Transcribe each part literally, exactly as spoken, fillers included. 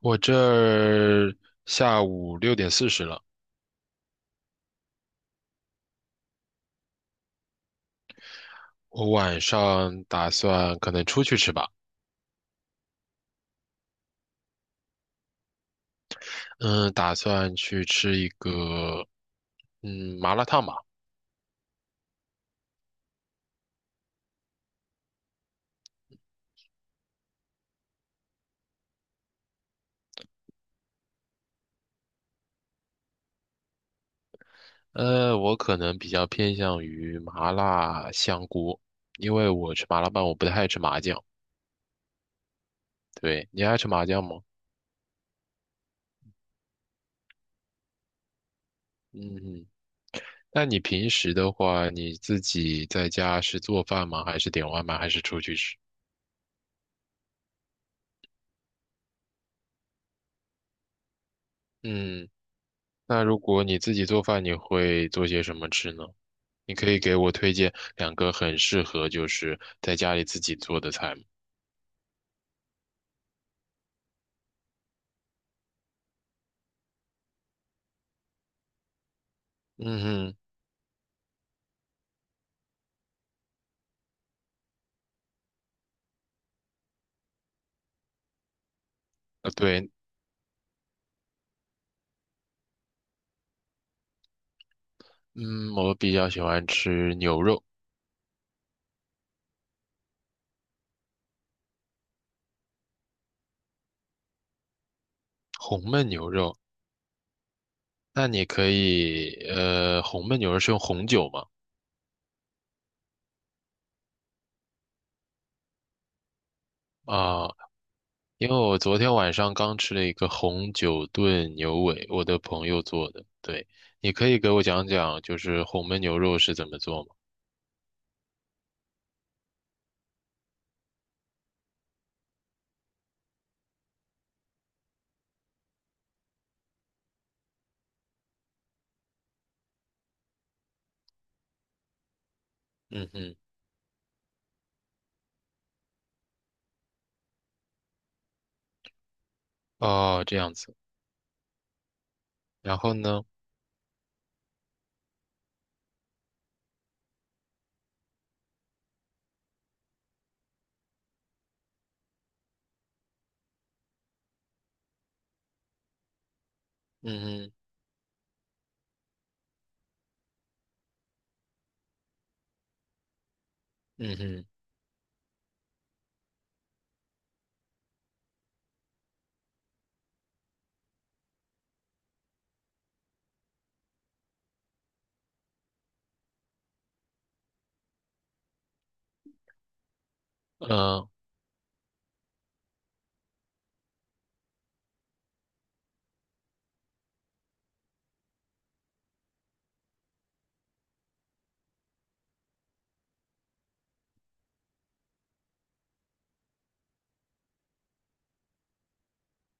我这儿下午六点四十了，我晚上打算可能出去吃吧，嗯，打算去吃一个嗯麻辣烫吧，呃，我可能比较偏向于麻辣香锅，因为我吃麻辣拌我不太爱吃麻酱，对，你爱吃麻酱吗？嗯，那你平时的话，你自己在家是做饭吗？还是点外卖？还是出去吃？嗯，那如果你自己做饭，你会做些什么吃呢？你可以给我推荐两个很适合就是在家里自己做的菜吗？嗯哼，呃，对，嗯，我比较喜欢吃牛肉，红焖牛肉。那你可以，呃，红焖牛肉是用红酒吗？啊，因为我昨天晚上刚吃了一个红酒炖牛尾，我的朋友做的。对，你可以给我讲讲，就是红焖牛肉是怎么做吗？嗯哼，哦，这样子。然后呢？嗯哼，嗯哼，嗯，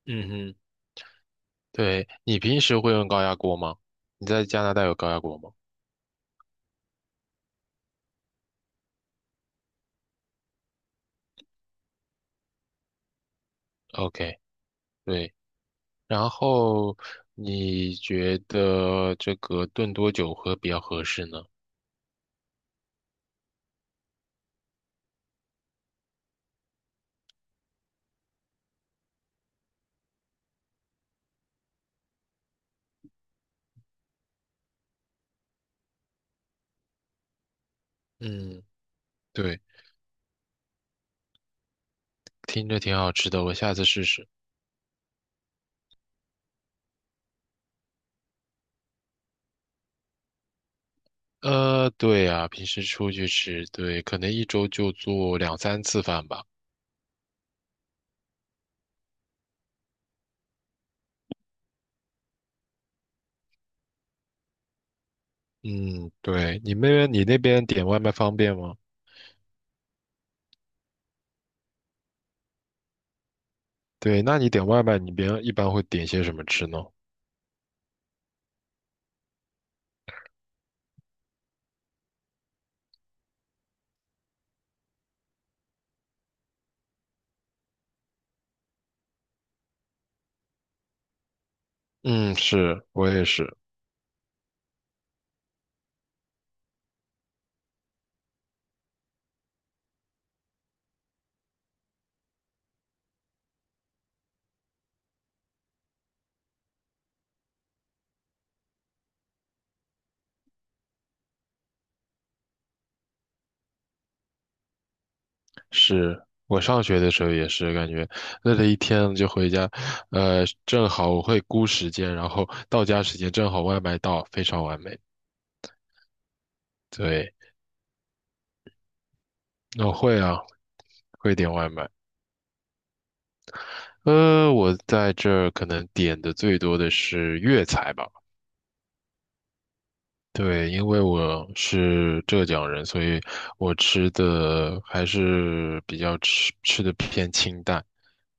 嗯哼。对，你平时会用高压锅吗？你在加拿大有高压锅吗？OK，对。然后你觉得这个炖多久喝比较合适呢？嗯，对，听着挺好吃的，我下次试试。呃，对呀，平时出去吃，对，可能一周就做两三次饭吧。嗯，对，你那边你那边点外卖方便吗？对，那你点外卖，你别一般会点些什么吃呢？嗯，是，我也是。是我上学的时候也是感觉累了一天就回家，呃，正好我会估时间，然后到家时间正好外卖到，非常完美。对，我会啊，会点外卖。呃，我在这儿可能点的最多的是粤菜吧。对，因为我是浙江人，所以我吃的还是比较吃吃的偏清淡。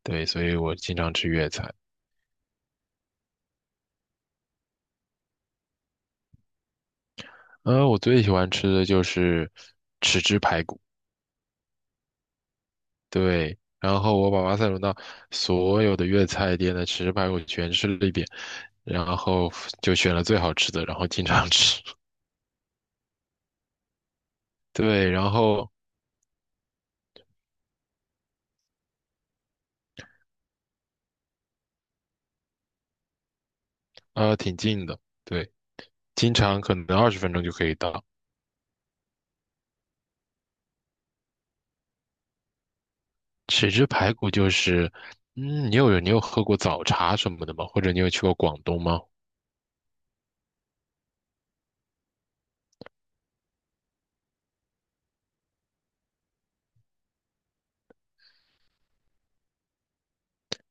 对，所以我经常吃粤菜。嗯，我最喜欢吃的就是对，然后我把巴塞罗那所有的粤菜店的豉汁排骨全吃了一遍，然后就选了最好吃的，然后经常吃。对，然后呃挺近的，对，经常可能二十分钟就可以到。豉汁排骨就是，嗯，你有你有喝过早茶什么的吗？或者你有去过广东吗？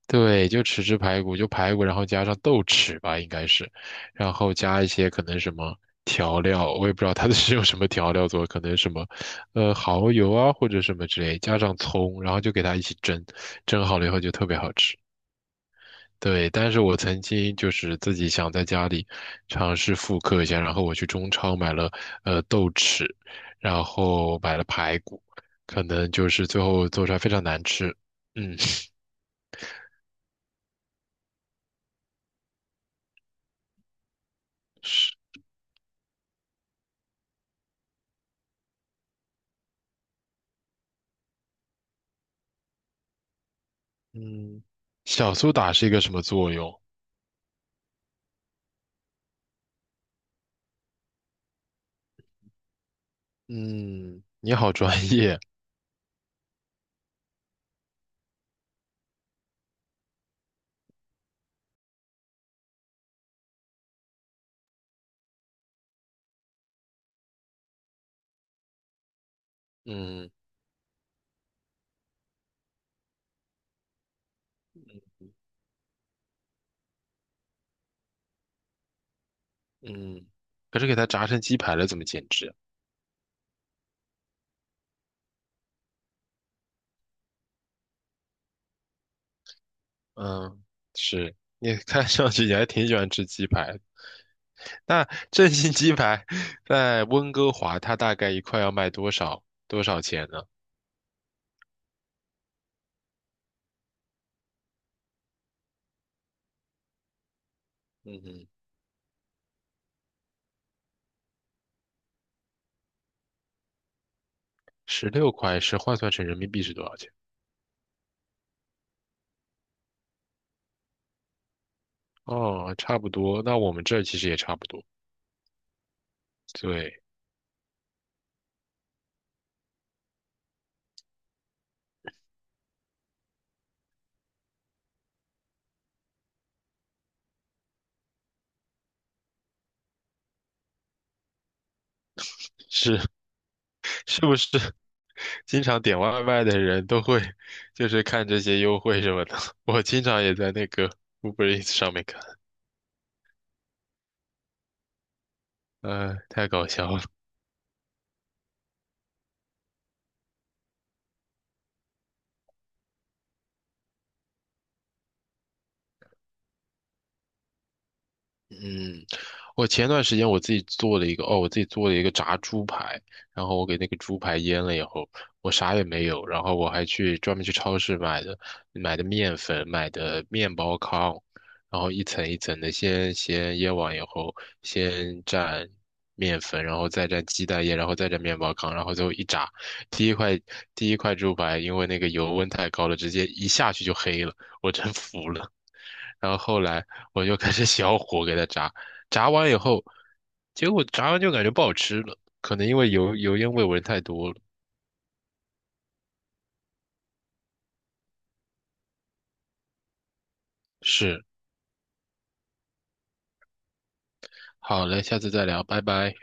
对，就豉汁排骨，就排骨，然后加上豆豉吧，应该是，然后加一些可能什么调料，我也不知道它 是用什么调料做，可能什么，呃，蚝油啊或者什么之类，加上葱，然后就给它一起蒸，蒸好了以后就特别好吃。对，但是我曾经就是自己想在家里尝试复刻一下，然后我去中超买了呃豆豉，然后买了排骨，可能就是最后做出来非常难吃。嗯，是。嗯小苏打是一个什么作用？嗯，你好专业。嗯嗯，可是给它炸成鸡排了，怎么减脂？嗯，是你看上去你还挺喜欢吃鸡排。那正新鸡排在温哥华，它大概一块要卖多少多少钱呢？嗯嗯，十六块是换算成人民币是多少钱？哦，差不多。那我们这儿其实也差不多。对，是是不是 经常点外卖的人都会就是看这些优惠什么的？我经常也在那个 Uber Eats 上面看，呃，太搞笑了。嗯，我前段时间我自己做了一个，哦，我自己做了一个炸猪排，然后我给那个猪排腌了以后，我啥也没有，然后我还去专门去超市买的买的面粉，买的面包糠，然后一层一层的先先腌完以后，先蘸面粉，然后再蘸鸡蛋液，然后再蘸面包糠，然后最后一炸，第一块第一块猪排因为那个油温太高了，直接一下去就黑了，我真服了。然后后来我就开始 小火给它炸，炸完以后，结果炸完就感觉不好吃了，可能因为油油烟味闻太多了。是，好嘞，下次再聊，拜拜。